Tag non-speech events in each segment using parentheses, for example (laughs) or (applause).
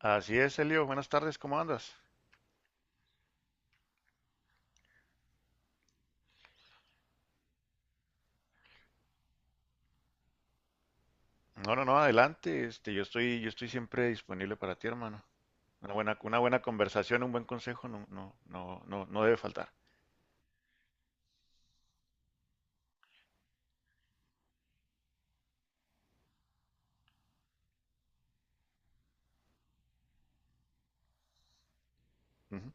Así es, Elio. Buenas tardes, ¿cómo andas? No, no, no, adelante. Yo estoy siempre disponible para ti, hermano. Una buena conversación, un buen consejo, no, no, no, no, no debe faltar. Ujú.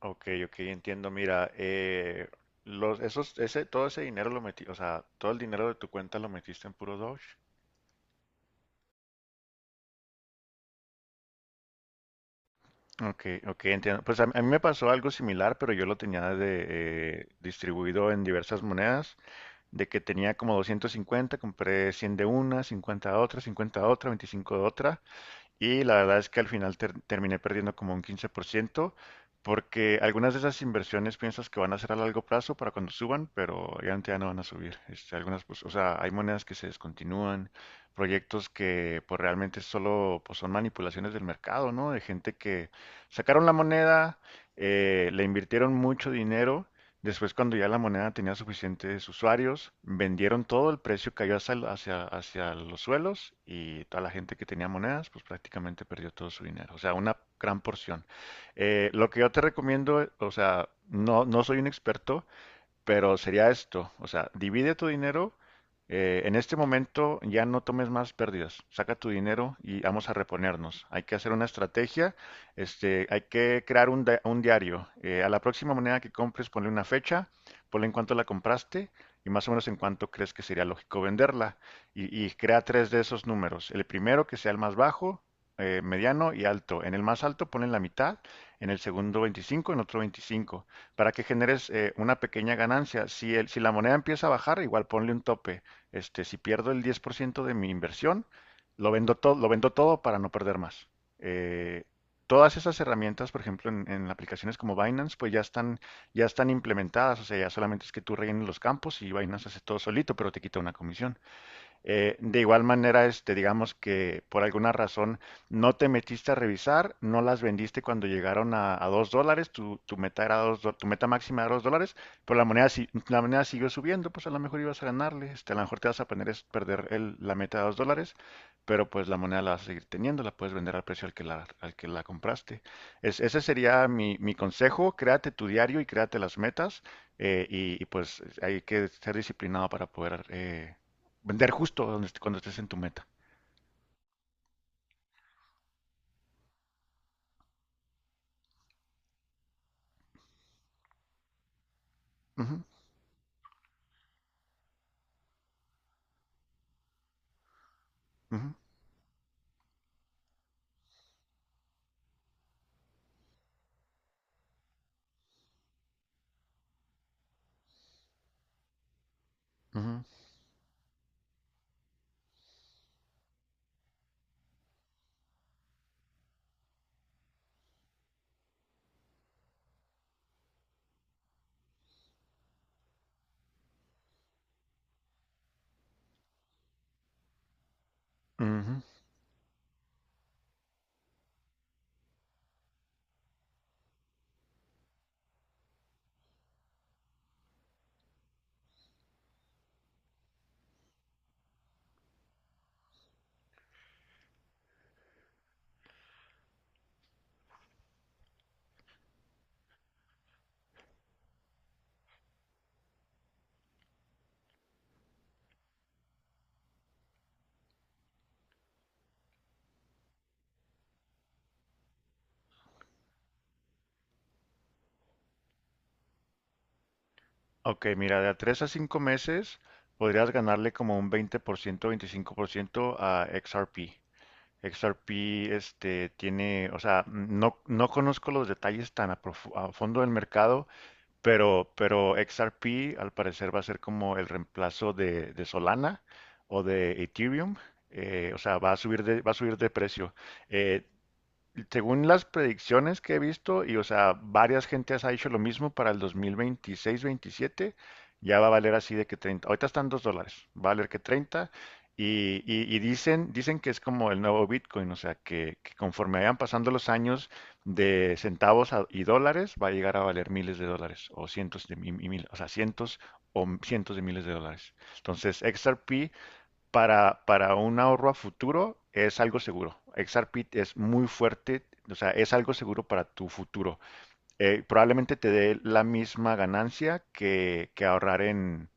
Ok, ok, entiendo. Mira, todo ese dinero lo metí, o sea, todo el dinero de tu cuenta lo metiste en puro Doge. Ok, ok, entiendo. Pues a mí me pasó algo similar, pero yo lo tenía distribuido en diversas monedas. De que tenía como 250, compré 100 de una, 50 de otra, 50 de otra, 25 de otra, y la verdad es que al final terminé perdiendo como un 15%, porque algunas de esas inversiones piensas que van a ser a largo plazo para cuando suban, pero obviamente ya no van a subir. Pues, o sea, hay monedas que se descontinúan, proyectos que pues realmente solo pues, son manipulaciones del mercado, ¿no? De gente que sacaron la moneda, le invirtieron mucho dinero. Después, cuando ya la moneda tenía suficientes usuarios, vendieron todo, el precio cayó hacia los suelos, y toda la gente que tenía monedas, pues prácticamente perdió todo su dinero. O sea, una gran porción. Lo que yo te recomiendo, o sea, no, no soy un experto, pero sería esto. O sea, divide tu dinero, en este momento ya no tomes más pérdidas, saca tu dinero y vamos a reponernos. Hay que hacer una estrategia, hay que crear un diario. A la próxima moneda que compres, ponle una fecha, ponle en cuánto la compraste y más o menos en cuánto crees que sería lógico venderla. Y crea tres de esos números. El primero que sea el más bajo, mediano y alto. En el más alto ponle la mitad, en el segundo 25, en otro 25 para que generes una pequeña ganancia. Si la moneda empieza a bajar, igual ponle un tope. Si pierdo el 10% de mi inversión, lo vendo todo para no perder más. Eh, todas esas herramientas, por ejemplo, en aplicaciones como Binance, pues ya están implementadas. O sea, ya solamente es que tú rellenes los campos y Binance hace todo solito, pero te quita una comisión. De igual manera, digamos que por alguna razón no te metiste a revisar, no las vendiste cuando llegaron a $2, tu meta máxima era $2, pero la moneda, si- la moneda siguió subiendo. Pues a lo mejor ibas a ganarle, a lo mejor te vas a poner es perder la meta de $2, pero pues la moneda la vas a seguir teniendo, la puedes vender al precio al que la compraste. Ese sería mi consejo. Créate tu diario y créate las metas, pues hay que ser disciplinado para poder vender justo donde cuando estés en tu meta. Ujú, ujú, ujú, ujú. Ok, mira, de a 3 a 5 meses podrías ganarle como un 20%, 25% a XRP. XRP o sea, no, no conozco los detalles tan a fondo del mercado, pero XRP al parecer va a ser como el reemplazo de Solana o de Ethereum. O sea, va a subir de precio. Eh, Según las predicciones que he visto, y o sea, varias gentes ha hecho lo mismo para el 2026-27, ya va a valer así de que 30. Ahorita están $2, va a valer que 30. Y dicen que es como el nuevo Bitcoin. O sea, que conforme vayan pasando los años de centavos y dólares, va a llegar a valer miles de dólares, o cientos de y mil, o sea, cientos o cientos de miles de dólares. Entonces, XRP para un ahorro a futuro es algo seguro. XRP es muy fuerte, o sea, es algo seguro para tu futuro. Probablemente te dé la misma ganancia que ahorrar en,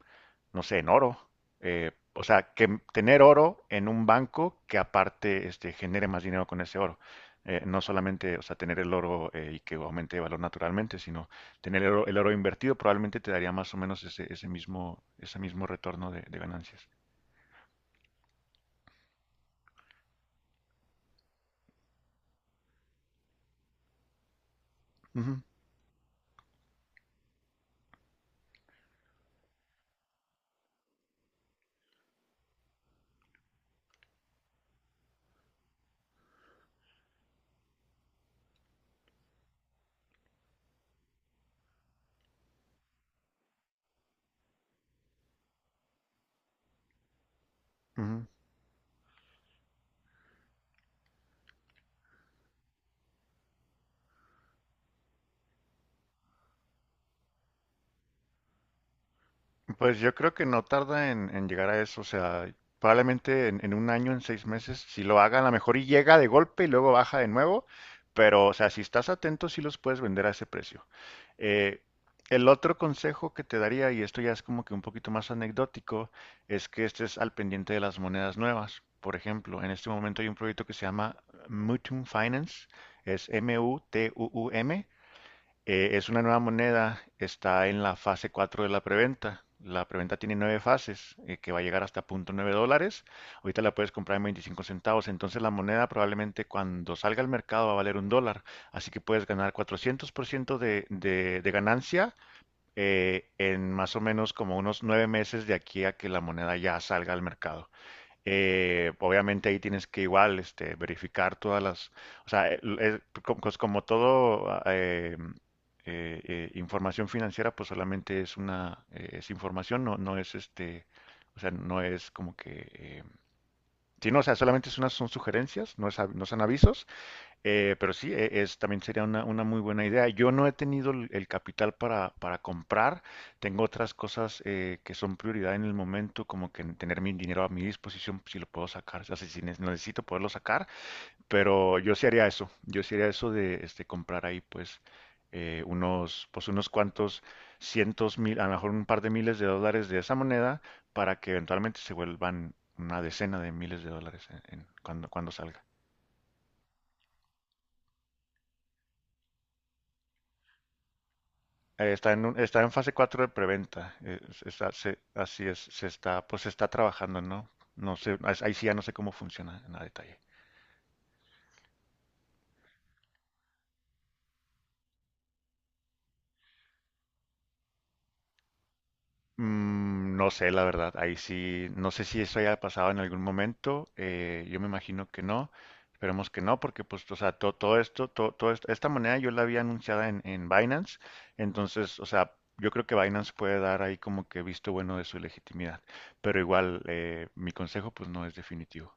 no sé, en oro. O sea, que tener oro en un banco que aparte genere más dinero con ese oro. No solamente, o sea, tener el oro y que aumente de valor naturalmente, sino tener el oro invertido probablemente te daría más o menos ese mismo retorno de ganancias. Ujú, ujú. Pues yo creo que no tarda en llegar a eso, o sea, probablemente en un año, en 6 meses, si lo hagan, a lo mejor y llega de golpe y luego baja de nuevo, pero o sea, si estás atento, sí los puedes vender a ese precio. Eh, el otro consejo que te daría, y esto ya es como que un poquito más anecdótico, es que estés al pendiente de las monedas nuevas. Por ejemplo, en este momento hay un proyecto que se llama Mutum Finance, es Mutuum, es una nueva moneda, está en la fase 4 de la preventa. La preventa tiene nueve fases, que va a llegar hasta $0.9. Ahorita la puedes comprar en 25 centavos. Entonces la moneda probablemente cuando salga al mercado va a valer $1. Así que puedes ganar 400% de ganancia en más o menos como unos 9 meses de aquí a que la moneda ya salga al mercado. Obviamente ahí tienes que igual verificar todas las, o sea, pues como todo información financiera. Pues solamente es una, es información. No, no es o sea, no es como que, sí, no, o sea, solamente son sugerencias, no son avisos, pero sí, también sería una muy buena idea. Yo no he tenido el capital para comprar. Tengo otras cosas que son prioridad en el momento, como que tener mi dinero a mi disposición, si lo puedo sacar, o sea, si necesito poderlo sacar. Pero yo sí haría eso. Yo sí haría eso de comprar ahí, pues, pues, unos cuantos cientos mil, a lo mejor un par de miles de dólares de esa moneda, para que eventualmente se vuelvan una decena de miles de dólares cuando salga. Está en fase 4 de preventa. Así es, se está, pues se está trabajando, ¿no? No sé, ahí sí ya no sé cómo funciona en a detalle. No sé, la verdad. Ahí sí, no sé si eso haya pasado en algún momento. Yo me imagino que no. Esperemos que no, porque pues, o sea, esta moneda yo la había anunciada en Binance. Entonces, o sea, yo creo que Binance puede dar ahí como que visto bueno de su legitimidad. Pero igual, mi consejo pues no es definitivo.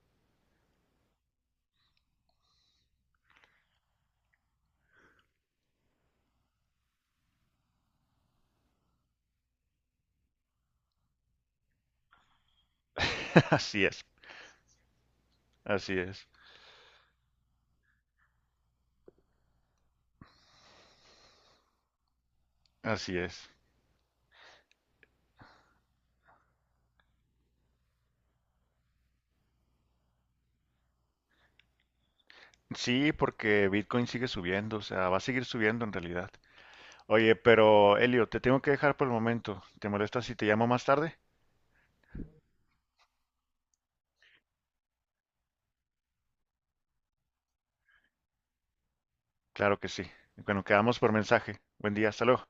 (laughs) Así es. Así es, así es. Sí, porque Bitcoin sigue subiendo, o sea, va a seguir subiendo en realidad. Oye, pero Elio, te tengo que dejar por el momento. ¿Te molesta si te llamo más tarde? Claro que sí. Bueno, quedamos por mensaje. Buen día, hasta luego.